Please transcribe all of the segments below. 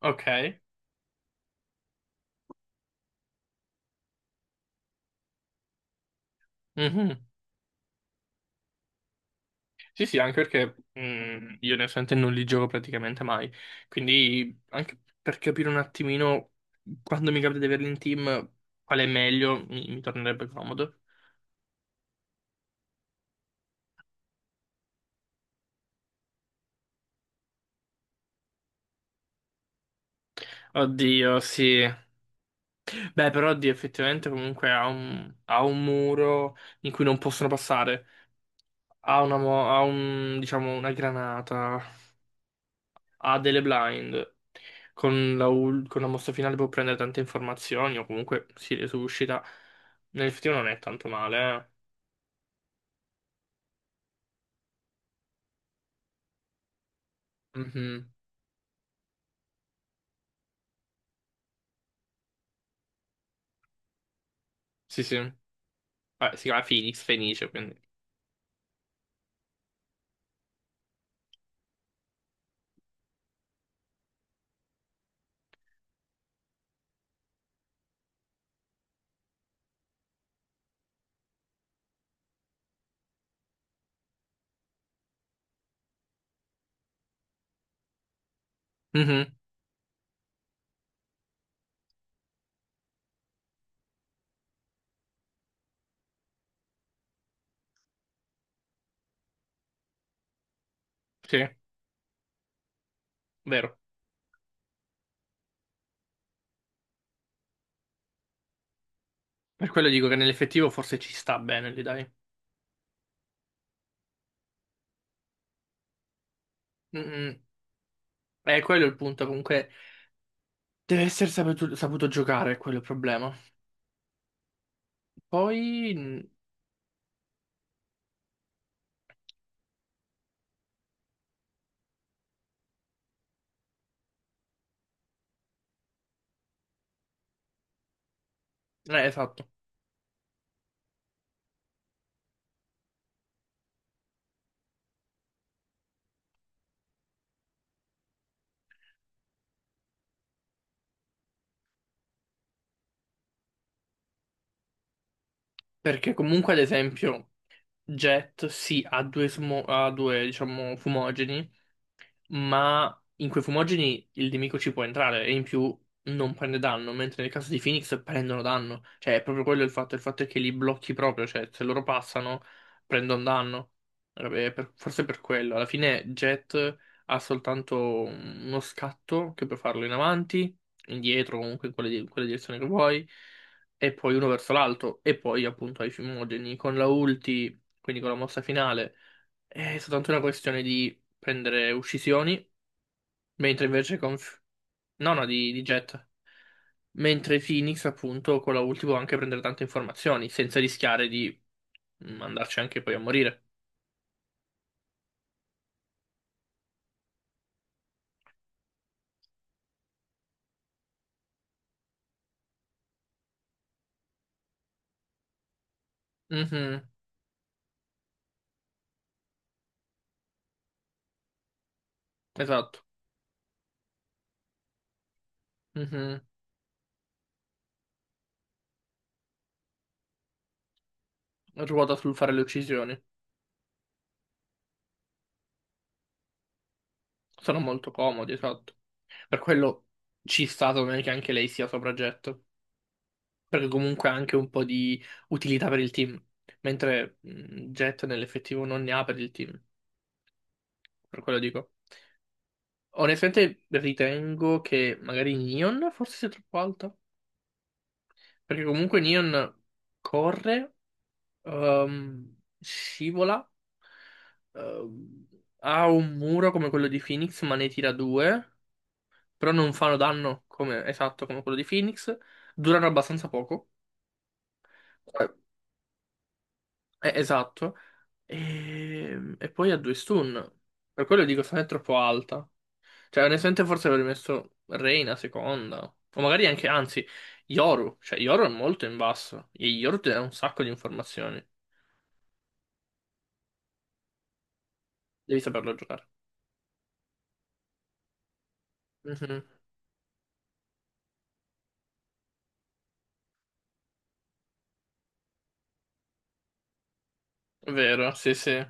Ok. Mhm. Sì, sì, anche perché io onestamente non li gioco praticamente mai, quindi anche per capire un attimino quando mi capita di averli in team, qual è meglio, mi tornerebbe comodo. Oddio, sì. Beh, però oddio, effettivamente comunque ha un muro in cui non possono passare, ha un, diciamo, una granata, ha delle blind. Con con la mossa finale può prendere tante informazioni o comunque si resuscita. Nell'effettivo non è tanto male, eh. Mhm. Sì, sì. Vabbè, si chiama Phoenix, Fenice, quindi. Mhm. Sì, vero. Per quello dico che nell'effettivo forse ci sta bene lì, dai. Mhm. Quello è il punto, comunque deve essere saputo, saputo giocare, è quello il problema. Poi... eh, esatto. Perché comunque, ad esempio, Jet, sì, ha due, diciamo, fumogeni, ma in quei fumogeni il nemico ci può entrare e in più non prende danno, mentre nel caso di Phoenix prendono danno. Cioè, è proprio quello il fatto è che li blocchi proprio, cioè se loro passano prendono danno. Vabbè, forse per quello. Alla fine Jet ha soltanto uno scatto che puoi farlo in avanti, indietro, comunque in in quella direzione che vuoi, e poi uno verso l'alto, e poi appunto ai fumogeni con la ulti, quindi con la mossa finale. È soltanto una questione di prendere uccisioni, mentre invece con... F- no, no, di Jet. Mentre Phoenix, appunto, con la ulti può anche prendere tante informazioni, senza rischiare di andarci anche poi a morire. Mhm, esatto. Mhm. Ruota sul fare le uccisioni. Sono molto comodi, esatto. Per quello ci sta secondo me che anche lei sia sopra Jet, perché comunque ha anche un po' di utilità per il team, mentre Jet nell'effettivo non ne ha per il team, per quello dico. Onestamente ritengo che magari Neon forse sia troppo alta, perché comunque Neon corre, scivola, ehm, ha un muro come quello di Phoenix, ma ne tira due, però non fanno danno come, esatto come quello di Phoenix, durano abbastanza poco, Eh, esatto, e poi ha due stun, per quello dico secondo me è troppo alta. Cioè, onestamente forse avrei messo Reina seconda. O magari anche, anzi, Yoru. Cioè, Yoru è molto in basso. E Yoru ti dà un sacco di informazioni. Devi saperlo giocare. Mhm. È vero, sì, sì.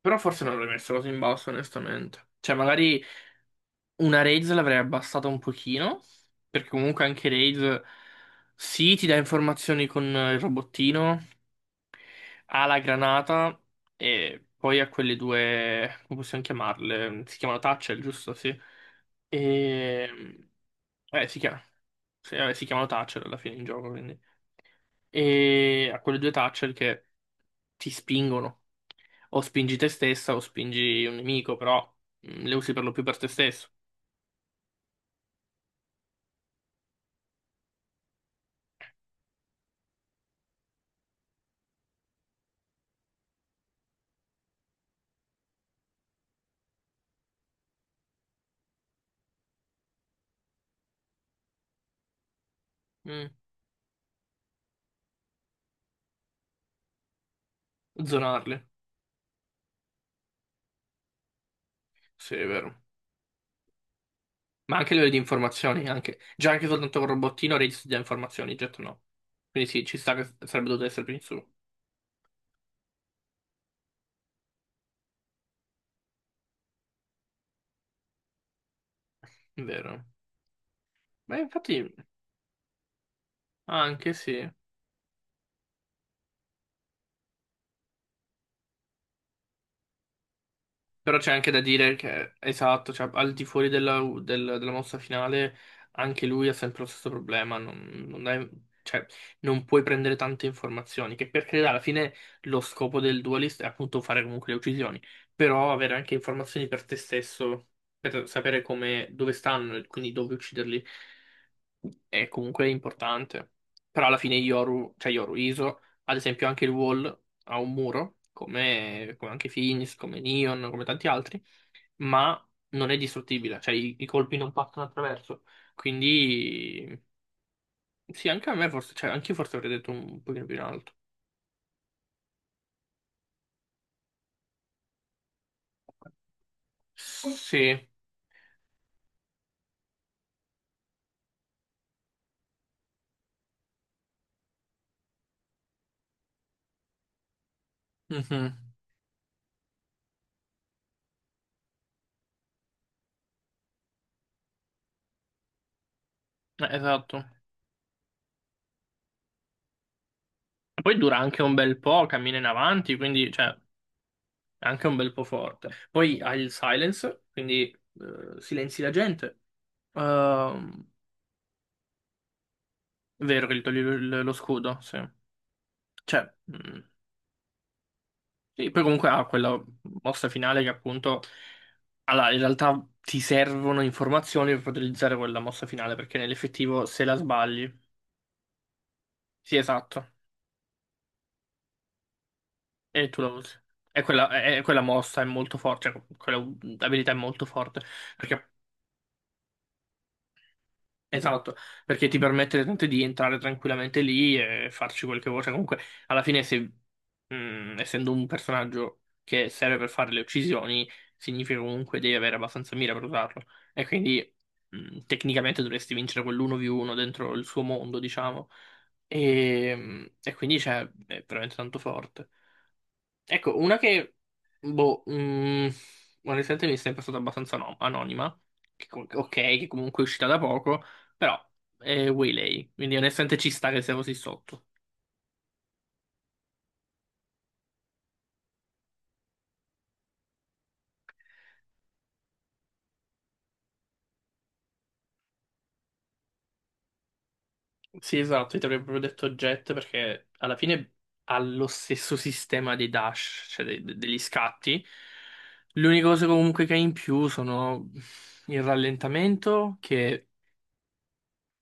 Però forse non l'avrei messo così in basso, onestamente. Cioè, magari una Raze l'avrei abbassata un pochino. Perché comunque anche Raze, sì, ti dà informazioni con il robottino. Ha la granata e poi ha quelle due, come possiamo chiamarle? Si chiamano Thatcher, giusto? Sì. E... eh, si chiama... sì, vabbè, si chiamano Thatcher alla fine in gioco, quindi. E ha quelle due Thatcher che ti spingono. O spingi te stessa o spingi un nemico, però le usi per lo più per te stesso. Mm. Zonarle. Sì, è vero. Ma anche le di informazioni, anche... Già anche soltanto con robottino registri già informazioni, jet no. Quindi sì, ci sta che sarebbe dovuto essere più in su. Vero. Beh, infatti, anche sì. Però c'è anche da dire che, esatto, cioè, al di fuori della mossa finale, anche lui ha sempre lo stesso problema. Non è- cioè, non puoi prendere tante informazioni. Che per carità, alla fine lo scopo del dualist è appunto fare comunque le uccisioni. Però avere anche informazioni per te stesso, per sapere come, dove stanno, e quindi dove ucciderli. È comunque importante. Però alla fine Yoru, cioè Yoru Iso, ad esempio anche il Wall ha un muro, come, come anche Finis, come Neon, come tanti altri, ma non è distruttibile, cioè i colpi non passano attraverso. Quindi sì, anche a me forse, cioè anche io forse avrei detto un pochino più in alto. Sì, mhm, esatto. Poi dura anche un bel po', cammina in avanti, quindi cioè, è anche un bel po' forte. Poi hai il silence, quindi silenzi la gente. Ehm, è vero che gli toglie lo scudo, sì. Cioè, sì, poi comunque ha quella mossa finale che appunto... Allora, in realtà ti servono informazioni per poter utilizzare quella mossa finale, perché nell'effettivo se la sbagli... Sì, esatto. E tu la usi. E quella mossa è molto forte, cioè quella abilità è molto forte, perché esatto, perché ti permette tanto di entrare tranquillamente lì e farci quel che vuoi. Cioè, comunque, alla fine, se, essendo un personaggio che serve per fare le uccisioni, significa comunque devi avere abbastanza mira per usarlo. E quindi, tecnicamente dovresti vincere quell'1v1 dentro il suo mondo, diciamo. E quindi, cioè, è veramente tanto forte. Ecco, una che, boh, onestamente mi è sempre stata abbastanza anonima, che ok, che comunque è uscita da poco, però è Waylay, quindi onestamente ci sta che sia così sotto. Sì, esatto, io ti avrei proprio detto Jet perché alla fine ha lo stesso sistema dei dash, cioè degli scatti. L'unica cosa comunque che ha in più sono il rallentamento, che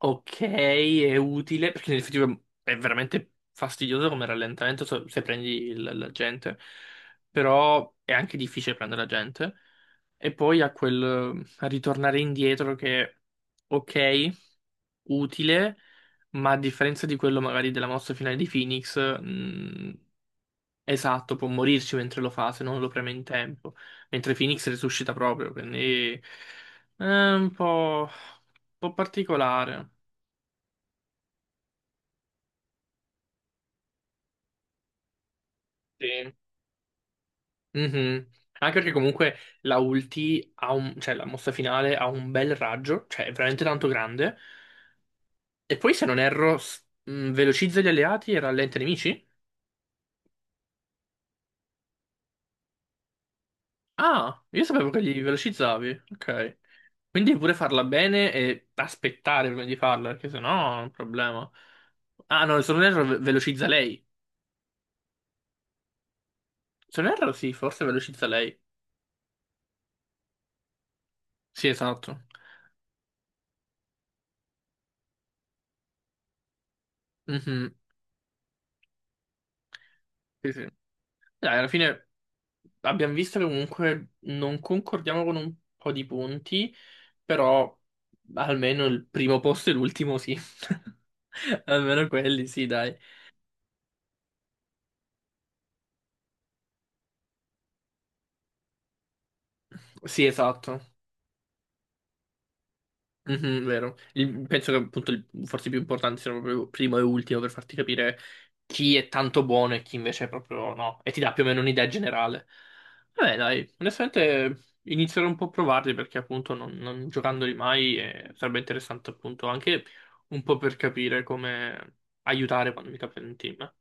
ok, è utile perché nell'effettivo è veramente fastidioso come rallentamento se se prendi la gente, però è anche difficile prendere la gente. E poi a quel a ritornare indietro che, ok, utile, ma a differenza di quello magari della mossa finale di Phoenix, esatto, può morirci mentre lo fa se non lo preme in tempo, mentre Phoenix resuscita proprio, quindi è un po' particolare. Sì. Mhm. Anche perché comunque la ulti ha un, cioè la mossa finale ha un bel raggio, cioè è veramente tanto grande. E poi se non erro, velocizza gli alleati e rallenta i nemici? Ah, io sapevo che li velocizzavi. Ok. Quindi pure farla bene e aspettare prima di farla, perché sennò è un problema. Ah no, se non erro velocizza lei. Se non erro sì, forse velocizza lei. Sì, esatto. Mhm. Sì, sì. Dai, alla fine abbiamo visto che comunque non concordiamo con un po' di punti, però almeno il primo posto e l'ultimo sì. Almeno quelli, sì, dai. Sì, esatto. Mhm, vero. Penso che appunto forse i più importanti siano proprio primo e ultimo per farti capire chi è tanto buono e chi invece è proprio no, e ti dà più o meno un'idea generale. Vabbè, dai, onestamente inizierò un po' a provarli perché appunto non giocandoli mai sarebbe interessante appunto anche un po' per capire come aiutare quando mi capita in team.